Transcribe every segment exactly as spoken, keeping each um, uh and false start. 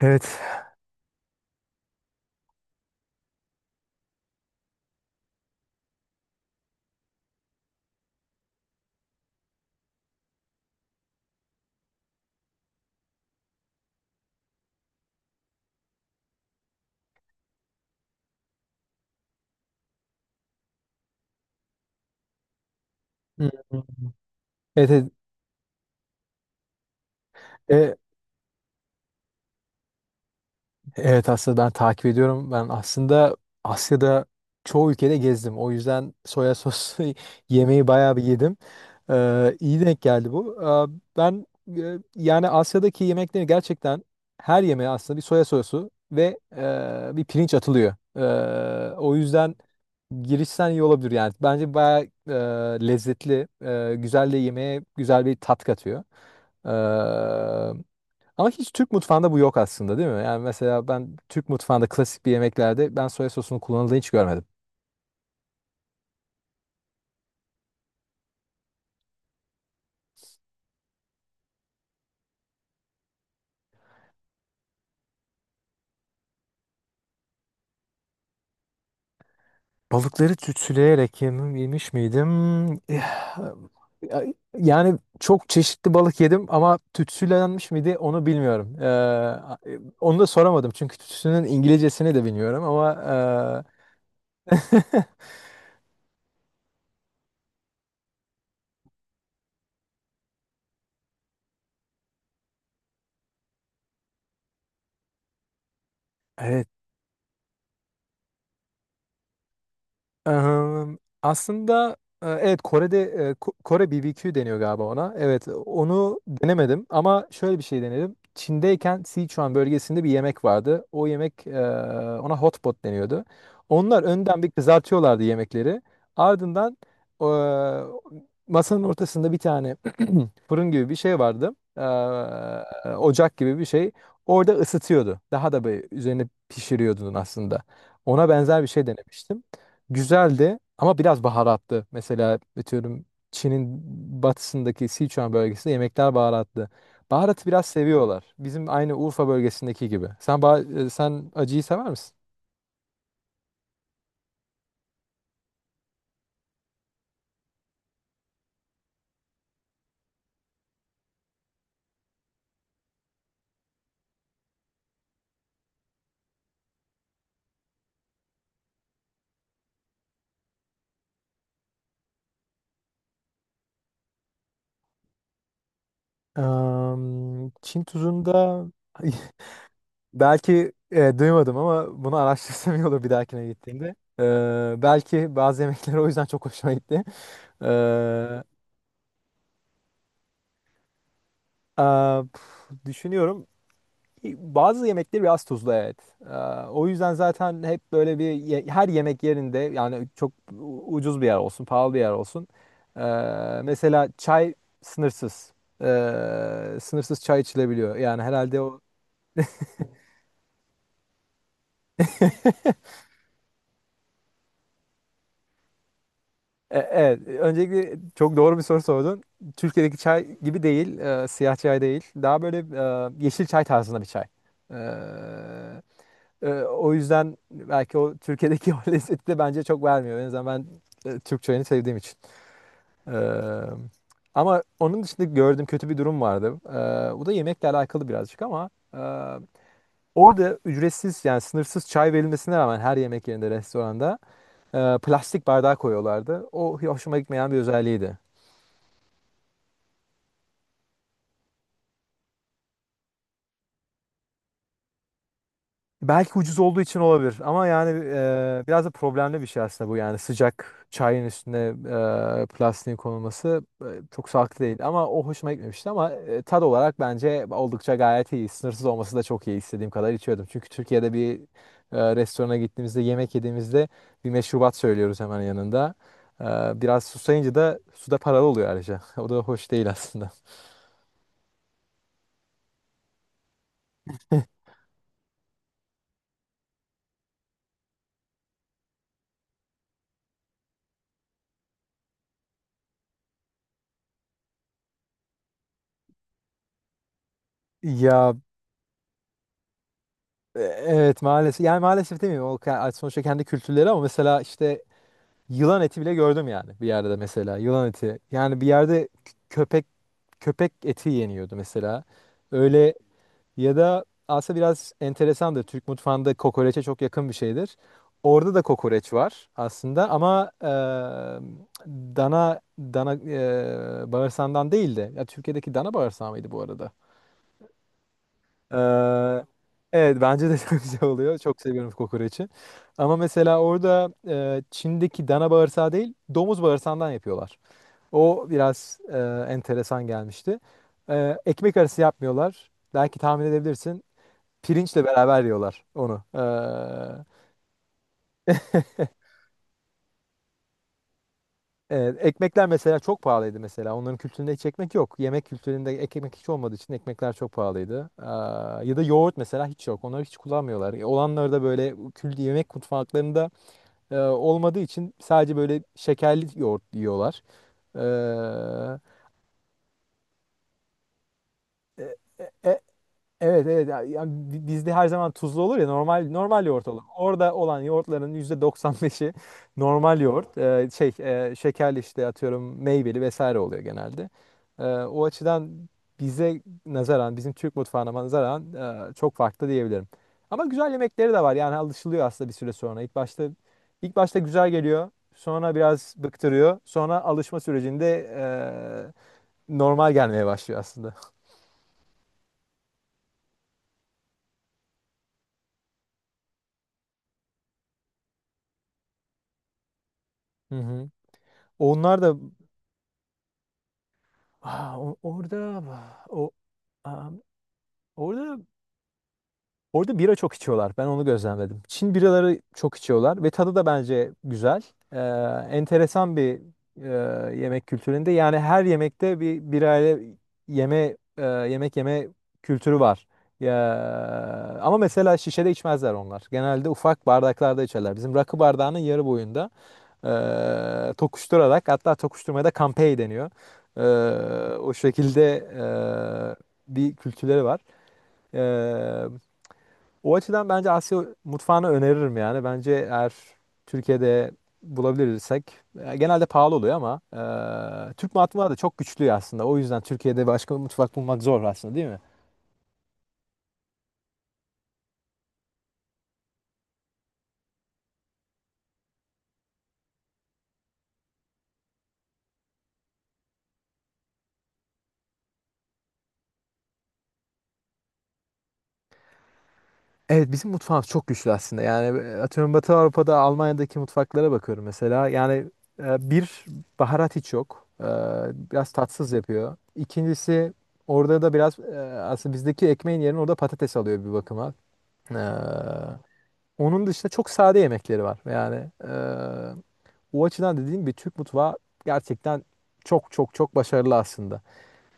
Evet. Hmm. Evet, evet, E, evet aslında ben takip ediyorum. Ben aslında Asya'da çoğu ülkede gezdim. O yüzden soya sosu yemeği bayağı bir yedim. Ee, iyi denk geldi bu. Ee, ben e, yani Asya'daki yemekleri gerçekten her yemeğe aslında bir soya sosu ve e, bir pirinç atılıyor. Ee, o yüzden girişten iyi olabilir yani. Bence bayağı e, lezzetli, e, güzel de yemeğe güzel bir tat katıyor. Ee, Ama hiç Türk mutfağında bu yok aslında değil mi? Yani mesela ben Türk mutfağında klasik bir yemeklerde ben soya sosunun kullanıldığını hiç görmedim. Balıkları tütsüleyerek yem- yemiş miydim? Eh, Yani çok çeşitli balık yedim ama tütsülenmiş miydi onu bilmiyorum. Ee, onu da soramadım çünkü tütsünün İngilizcesini de bilmiyorum ama e, evet Ehm, aslında e, evet, Kore'de e, Ko- Kore B B Q deniyor galiba ona. Evet onu denemedim ama şöyle bir şey denedim. Çin'deyken Sichuan bölgesinde bir yemek vardı. O yemek e, ona hot pot deniyordu. Onlar önden bir kızartıyorlardı yemekleri. Ardından e, masanın ortasında bir tane fırın gibi bir şey vardı. Ee, ocak gibi bir şey. Orada ısıtıyordu. Daha da böyle üzerine pişiriyordun aslında. Ona benzer bir şey denemiştim. Güzeldi ama biraz baharatlı. Mesela atıyorum Çin'in batısındaki Sichuan bölgesinde yemekler baharatlı. Baharatı biraz seviyorlar. Bizim aynı Urfa bölgesindeki gibi. Sen ba- sen acıyı sever misin? Eee, Çin tuzunda. Belki e, duymadım ama bunu araştırsam iyi olur bir dahakine gittiğimde. E, Belki bazı yemekler o yüzden çok hoşuma gitti. E, a, pf, düşünüyorum. Bazı yemekler biraz tuzlu, evet. E, O yüzden zaten hep böyle bir ye- her yemek yerinde yani çok u- ucuz bir yer olsun, pahalı bir yer olsun. E, Mesela çay sınırsız. E, sınırsız çay içilebiliyor. Yani herhalde o... E- Evet, öncelikle çok doğru bir soru sordun. Türkiye'deki çay gibi değil, e, siyah çay değil. Daha böyle e, yeşil çay tarzında bir çay. E, e, O yüzden belki o Türkiye'deki o lezzeti de bence çok vermiyor. En azından ben e, Türk çayını sevdiğim için. E, Ama onun dışında gördüğüm kötü bir durum vardı. E, bu da yemekle alakalı birazcık ama e, orada ücretsiz yani sınırsız çay verilmesine rağmen her yemek yerinde, restoranda e, plastik bardağı koyuyorlardı. O hoşuma gitmeyen bir özelliğiydi. Belki ucuz olduğu için olabilir ama yani, e, biraz da problemli bir şey aslında bu, yani sıcak çayın üstüne e, plastiğin konulması e, çok sağlıklı değil ama o hoşuma gitmemişti ama e, tad olarak bence oldukça gayet iyi. Sınırsız olması da çok iyi, istediğim kadar içiyordum. Çünkü Türkiye'de bir e, restorana gittiğimizde, yemek yediğimizde bir meşrubat söylüyoruz hemen yanında. E, Biraz susayınca da su da paralı oluyor ayrıca. O da hoş değil aslında. Ya, e, evet maalesef, yani maalesef demeyeyim, o ka- sonuçta kendi kültürleri ama mesela işte. Yılan eti bile gördüm, yani bir yerde mesela yılan eti. Yani bir yerde kö- köpek köpek eti yeniyordu mesela. Öyle ya da aslında biraz enteresandır. Türk mutfağında kokoreçe çok yakın bir şeydir. Orada da kokoreç var aslında ama e, dana dana e, bağırsağından değil de ya Türkiye'deki dana bağırsağı mıydı bu arada? Eee, evet, bence de çok güzel oluyor. Çok seviyorum kokoreçi. Ama mesela orada eee, Çin'deki dana bağırsağı değil, domuz bağırsağından yapıyorlar. O biraz, eee, enteresan gelmişti. Eee, ekmek arası yapmıyorlar. Belki tahmin edebilirsin. Pirinçle beraber yiyorlar onu. Eee, evet, ekmekler mesela çok pahalıydı mesela. Onların kültüründe hiç ekmek yok. Yemek kültüründe ekmek hiç olmadığı için ekmekler çok pahalıydı. Eee, ya da yoğurt mesela hiç yok. Onları hiç kullanmıyorlar. Olanları da böyle kült yemek mutfaklarında Ee, olmadığı için sadece böyle şekerli yoğurt yiyorlar. Ee, e- e- Evet, evet ya, ya di- bizde her zaman tuzlu olur ya, normal normal yoğurt olur. Orada olan yoğurtların yüzde doksan beşi normal yoğurt. Ee, şey e, şekerli işte, atıyorum, meyveli vesaire oluyor genelde. Ee, o açıdan bize nazaran, bizim Türk mutfağına nazaran e, çok farklı diyebilirim. Ama güzel yemekleri de var, yani alışılıyor aslında bir süre sonra. İlk başta ilk başta güzel geliyor. Sonra biraz bıktırıyor. Sonra alışma sürecinde e, normal gelmeye başlıyor aslında. Hı hı. Onlar da... Aa, o- orada o aa, orada orada bira çok içiyorlar. Ben onu gözlemledim. Çin biraları çok içiyorlar ve tadı da bence güzel. Ee, Enteresan bir e, yemek kültüründe. Yani her yemekte bir birayla yeme e, yemek yeme kültürü var. Ya, ama mesela şişede içmezler onlar. Genelde ufak bardaklarda içerler. Bizim rakı bardağının yarı boyunda e, tokuşturarak, hatta tokuşturmaya da kampey deniyor. E, o şekilde e, bir kültürleri var. E, O açıdan bence Asya mutfağını öneririm yani. Bence eğer Türkiye'de bulabilirsek e, genelde pahalı oluyor ama e, Türk mutfağı da çok güçlü aslında. O yüzden Türkiye'de başka bir mutfak bulmak zor aslında, değil mi? Evet, bizim mutfağımız çok güçlü aslında. Yani e, atıyorum, Batı Avrupa'da Almanya'daki mutfaklara bakıyorum mesela. Yani e, bir baharat hiç yok. E, Biraz tatsız yapıyor. İkincisi, orada da biraz e, aslında bizdeki ekmeğin yerine orada patates alıyor bir bakıma. E, Onun dışında çok sade yemekleri var. Yani e, o açıdan, dediğim gibi, Türk mutfağı gerçekten çok çok çok başarılı aslında.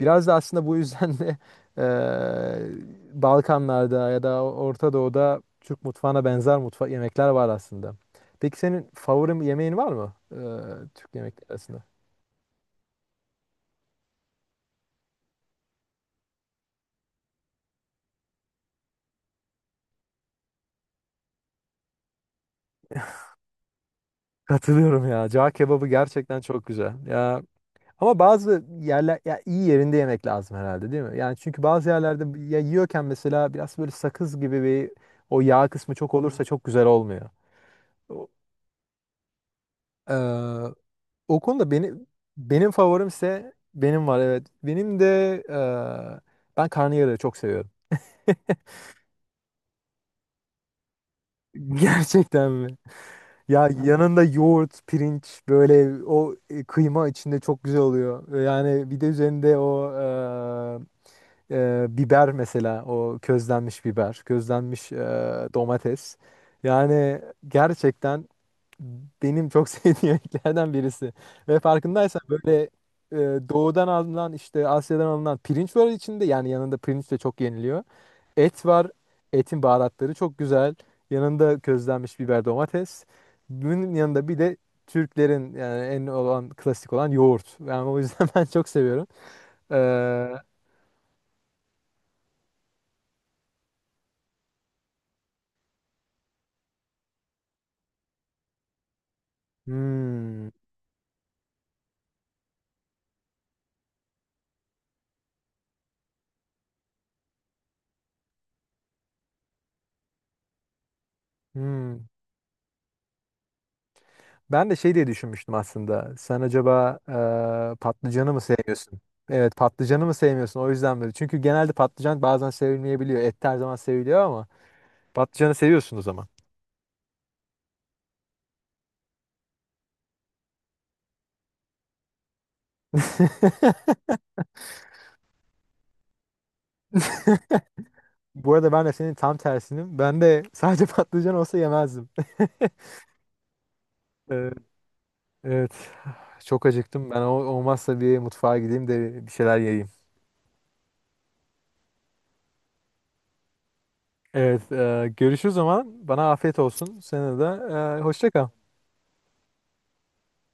Biraz da aslında bu yüzden de e, Balkanlarda ya da Orta Doğu'da Türk mutfağına benzer mutfa yemekler var aslında. Peki senin favori yemeğin var mı e, Türk yemekleri arasında? Katılıyorum ya. Cağ kebabı gerçekten çok güzel. Ya ama bazı yerler, ya iyi yerinde yemek lazım herhalde, değil mi? Yani çünkü bazı yerlerde ya, yiyorken mesela biraz böyle sakız gibi bir, o yağ kısmı çok olursa çok güzel olmuyor. O- Ee, O konuda benim benim favorimse benim var, evet. Benim de e, ben karnıyarığı çok seviyorum. Gerçekten mi? Ya, yanında yoğurt, pirinç, böyle o e, kıyma içinde çok güzel oluyor. Yani bir de üzerinde o e, e, biber mesela, o közlenmiş biber, közlenmiş e, domates. Yani gerçekten benim çok sevdiğim yemeklerden birisi. Ve farkındaysan böyle e, doğudan alınan, işte Asya'dan alınan pirinç var içinde. Yani yanında pirinç de çok yeniliyor. Et var. Etin baharatları çok güzel. Yanında közlenmiş biber, domates. Bunun yanında bir de Türklerin, yani en olan klasik olan yoğurt. Yani o yüzden ben çok seviyorum. Ee, hmm, hmm. Ben de şey diye düşünmüştüm aslında. Sen acaba e, patlıcanı mı sevmiyorsun? Evet, patlıcanı mı sevmiyorsun? O yüzden böyle. Çünkü genelde patlıcan bazen sevilmeyebiliyor. Et her zaman seviliyor ama patlıcanı seviyorsun o zaman. Bu arada ben de senin tam tersinim. Ben de sadece patlıcan olsa yemezdim. Ee, Evet. Çok acıktım. Ben o- olmazsa bir mutfağa gideyim de bir şeyler yiyeyim. Evet. E, görüşürüz o zaman. Bana afiyet olsun. Sana da e, hoşça kal.